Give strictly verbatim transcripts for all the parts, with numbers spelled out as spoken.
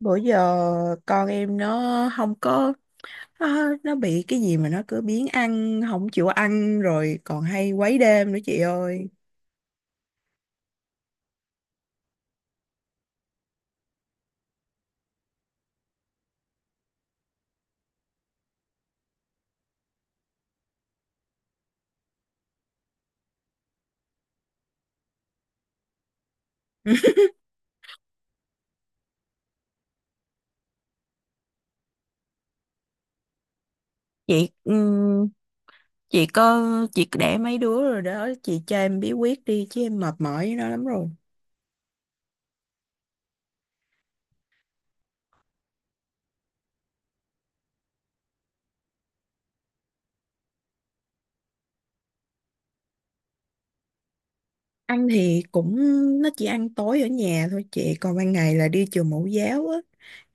Bữa giờ con em nó không có, nó, nó bị cái gì mà nó cứ biếng ăn không chịu ăn, rồi còn hay quấy đêm nữa chị ơi. Chị ừm, chị có, chị để mấy đứa rồi đó, chị cho em bí quyết đi chứ em mệt mỏi với nó lắm rồi. Ăn thì cũng, nó chỉ ăn tối ở nhà thôi chị, còn ban ngày là đi trường mẫu giáo á,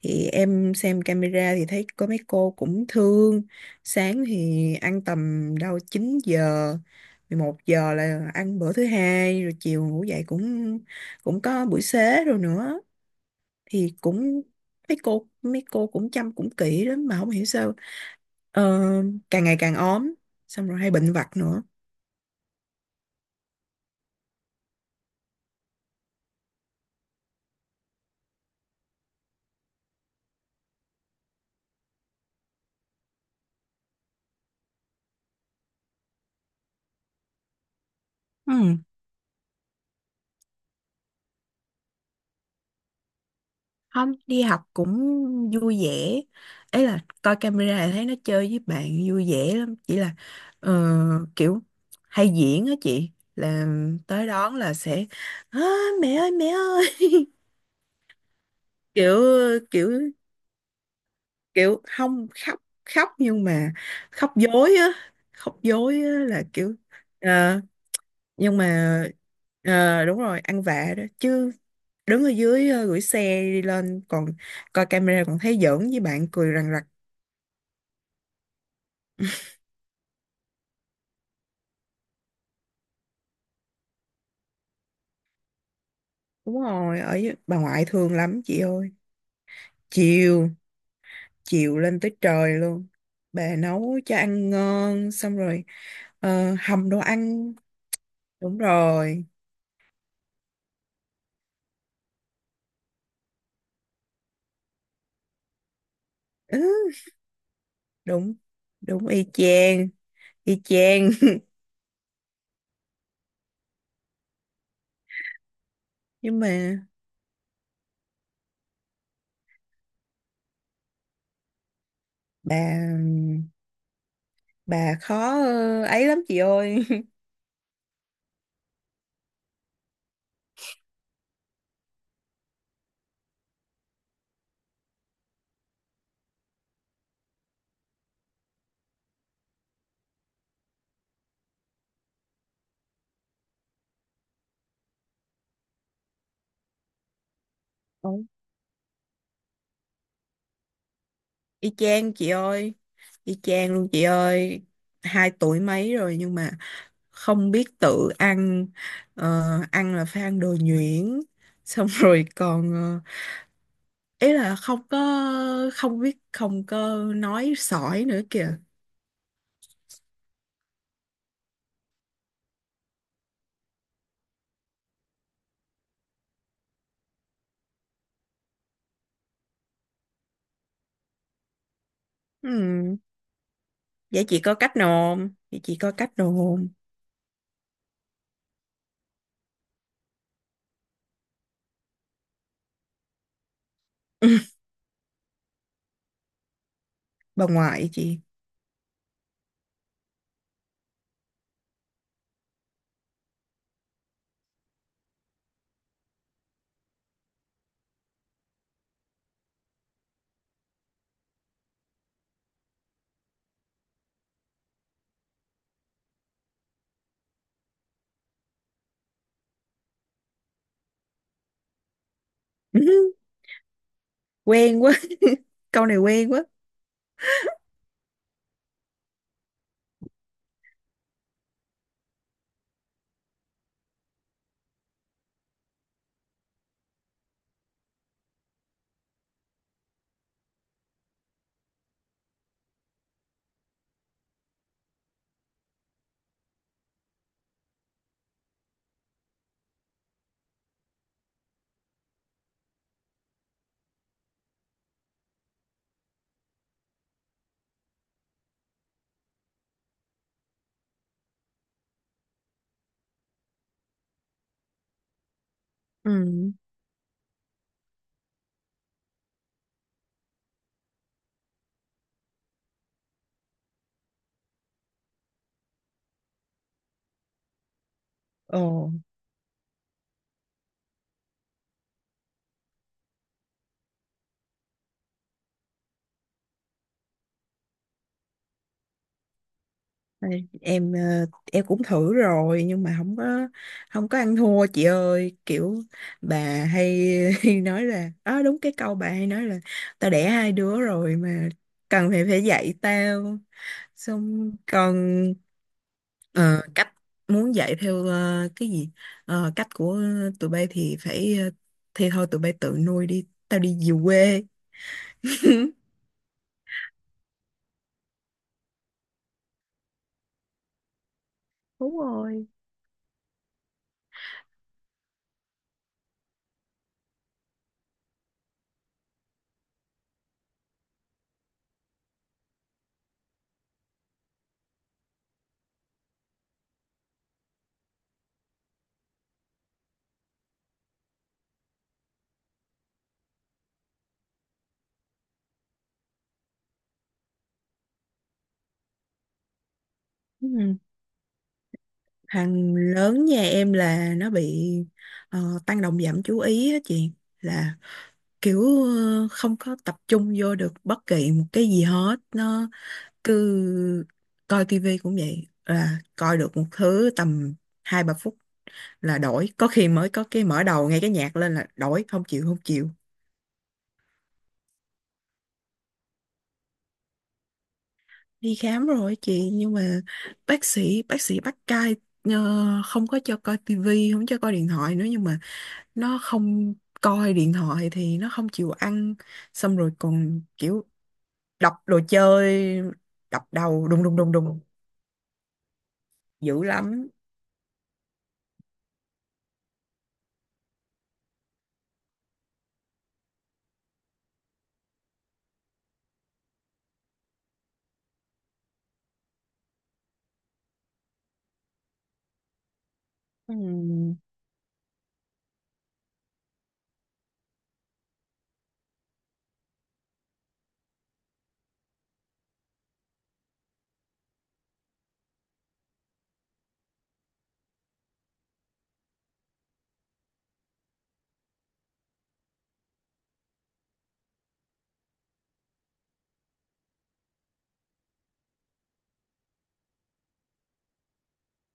thì em xem camera thì thấy có mấy cô cũng thương. Sáng thì ăn tầm đâu chín giờ, mười một giờ là ăn bữa thứ hai rồi, chiều ngủ dậy cũng cũng có buổi xế rồi nữa, thì cũng mấy cô mấy cô cũng chăm cũng kỹ lắm mà không hiểu sao ờ, càng ngày càng ốm, xong rồi hay bệnh vặt nữa. Ừ. Không đi học cũng vui vẻ, ấy là coi camera là thấy nó chơi với bạn vui vẻ lắm, chỉ là ờ, kiểu hay diễn á chị, là tới đón là sẽ "Á, mẹ ơi, mẹ ơi." kiểu kiểu kiểu không khóc, khóc nhưng mà khóc dối á, khóc dối á là kiểu ờ, nhưng mà ờ, đúng rồi, ăn vạ đó chứ. Đứng ở dưới ờ, gửi xe đi lên còn coi camera còn thấy giỡn với bạn cười rằng rặc. Đúng rồi, ở dưới- bà ngoại thương lắm chị ơi. Chiều, chiều lên tới trời luôn. Bà nấu cho ăn ngon, xong rồi ờ, hầm đồ ăn. Đúng rồi. Ừ, đúng, đúng y chang, y chang. Nhưng mà bà bà khó ờ, ấy lắm chị ơi. Ừ. Y chang chị ơi, y chang luôn chị ơi. Hai tuổi mấy rồi nhưng mà không biết tự ăn. Ờ, ăn là phải ăn đồ nhuyễn. Xong rồi còn ờ, ý là không có, không biết không có nói sỏi nữa kìa. Ừ, vậy chị có cách nào không? Vậy chị có cách nào không? Bà ngoại chị. Quen quá, câu này quen quá. Ừ. Ồ. Đây, em ờ, em cũng thử rồi nhưng mà không có không có ăn thua chị ơi, kiểu bà hay nói là, đó đúng cái câu bà hay nói là tao đẻ hai đứa rồi mà cần phải phải dạy tao. Xong còn ờ, cách muốn dạy theo ờ, cái gì. Ờ, cách của tụi bay thì phải ờ, thì thôi tụi bay tự nuôi đi tao đi về quê. Đúng rồi. Ừ. Thằng lớn nhà em là nó bị ờ, tăng động giảm chú ý á chị, là kiểu ờ, không có tập trung vô được bất kỳ một cái gì hết, nó cứ coi tivi cũng vậy, là coi được một thứ tầm hai ba phút là đổi, có khi mới có cái mở đầu nghe cái nhạc lên là đổi không chịu, không chịu. Đi khám rồi chị nhưng mà bác sĩ bác sĩ bắt cai, ờ, không có cho coi tivi, không cho coi điện thoại nữa, nhưng mà nó không, coi điện thoại thì nó không chịu ăn, xong rồi còn kiểu đập đồ chơi, đập đầu đùng đùng đùng đùng dữ lắm. Ừ.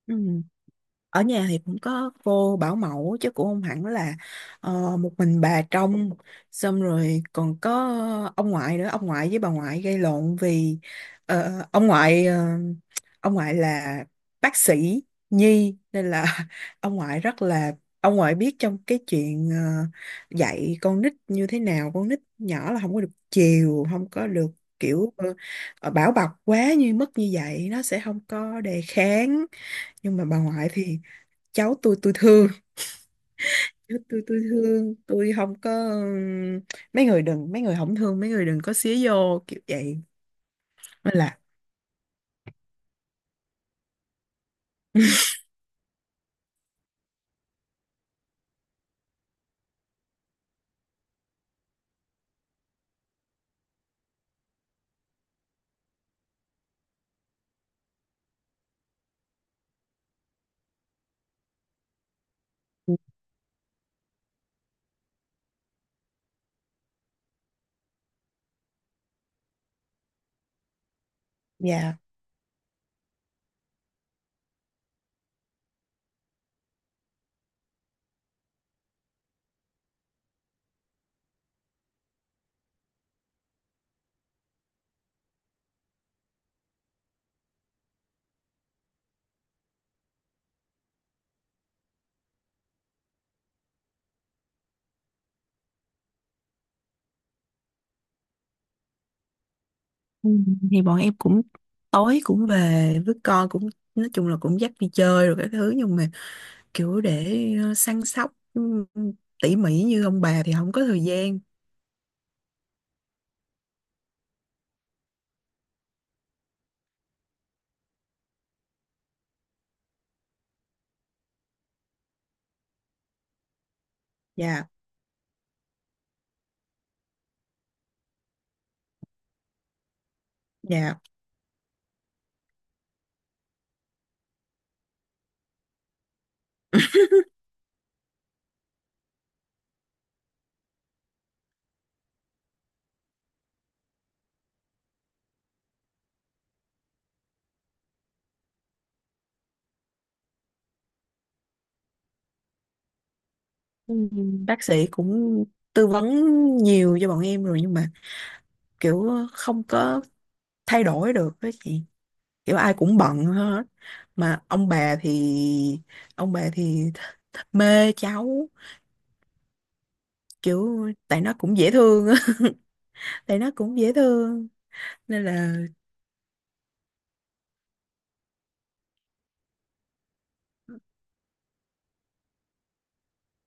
Ừ. Ở nhà thì cũng có cô bảo mẫu chứ cũng không hẳn là ờ, một mình bà trông, xong rồi còn có ông ngoại nữa, ông ngoại với bà ngoại gây lộn vì ờ, ông ngoại ờ, ông ngoại là bác sĩ nhi nên là, ông ngoại rất là, ông ngoại biết trong cái chuyện ờ, dạy con nít như thế nào, con nít nhỏ là không có được chiều, không có được kiểu ờ, ờ, bảo bọc quá như mức như vậy, nó sẽ không có đề kháng. Nhưng mà bà ngoại thì cháu tôi tôi thương, cháu tôi tôi thương tôi không có, mấy người đừng, mấy người không thương mấy người đừng có xía vô kiểu vậy mới là. Dạ. Ừ, thì bọn em cũng tối cũng về với con cũng nói chung là cũng dắt đi chơi rồi các thứ, nhưng mà kiểu để ờ, săn sóc ừ, tỉ mỉ như ông bà thì không có thời gian. Dạ. Dạ. Ừ, bác sĩ cũng tư vấn nhiều cho bọn em rồi nhưng mà kiểu không có thay đổi được đó chị, kiểu ai cũng bận hết, mà ông bà thì ông bà thì th th mê cháu, kiểu tại nó cũng dễ thương á. Tại nó cũng dễ thương nên là.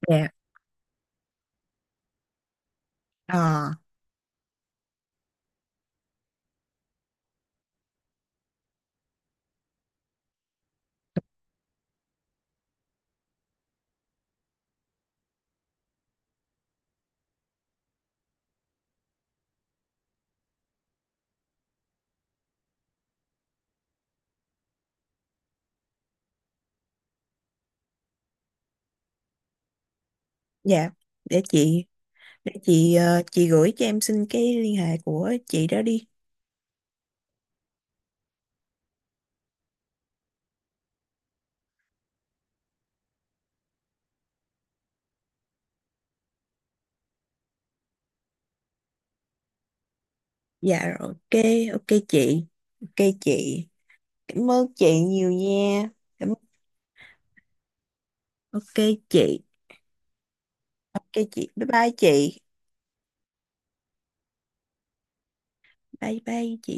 Dạ. ờ dạ, để chị để chị ờ, chị gửi cho em xin cái liên hệ của chị đó đi. Dạ rồi, ok. Ok chị. Ok chị. Cảm ơn chị nhiều nha. cảm ok chị. Ok chị. Bye bye chị. Bye bye chị.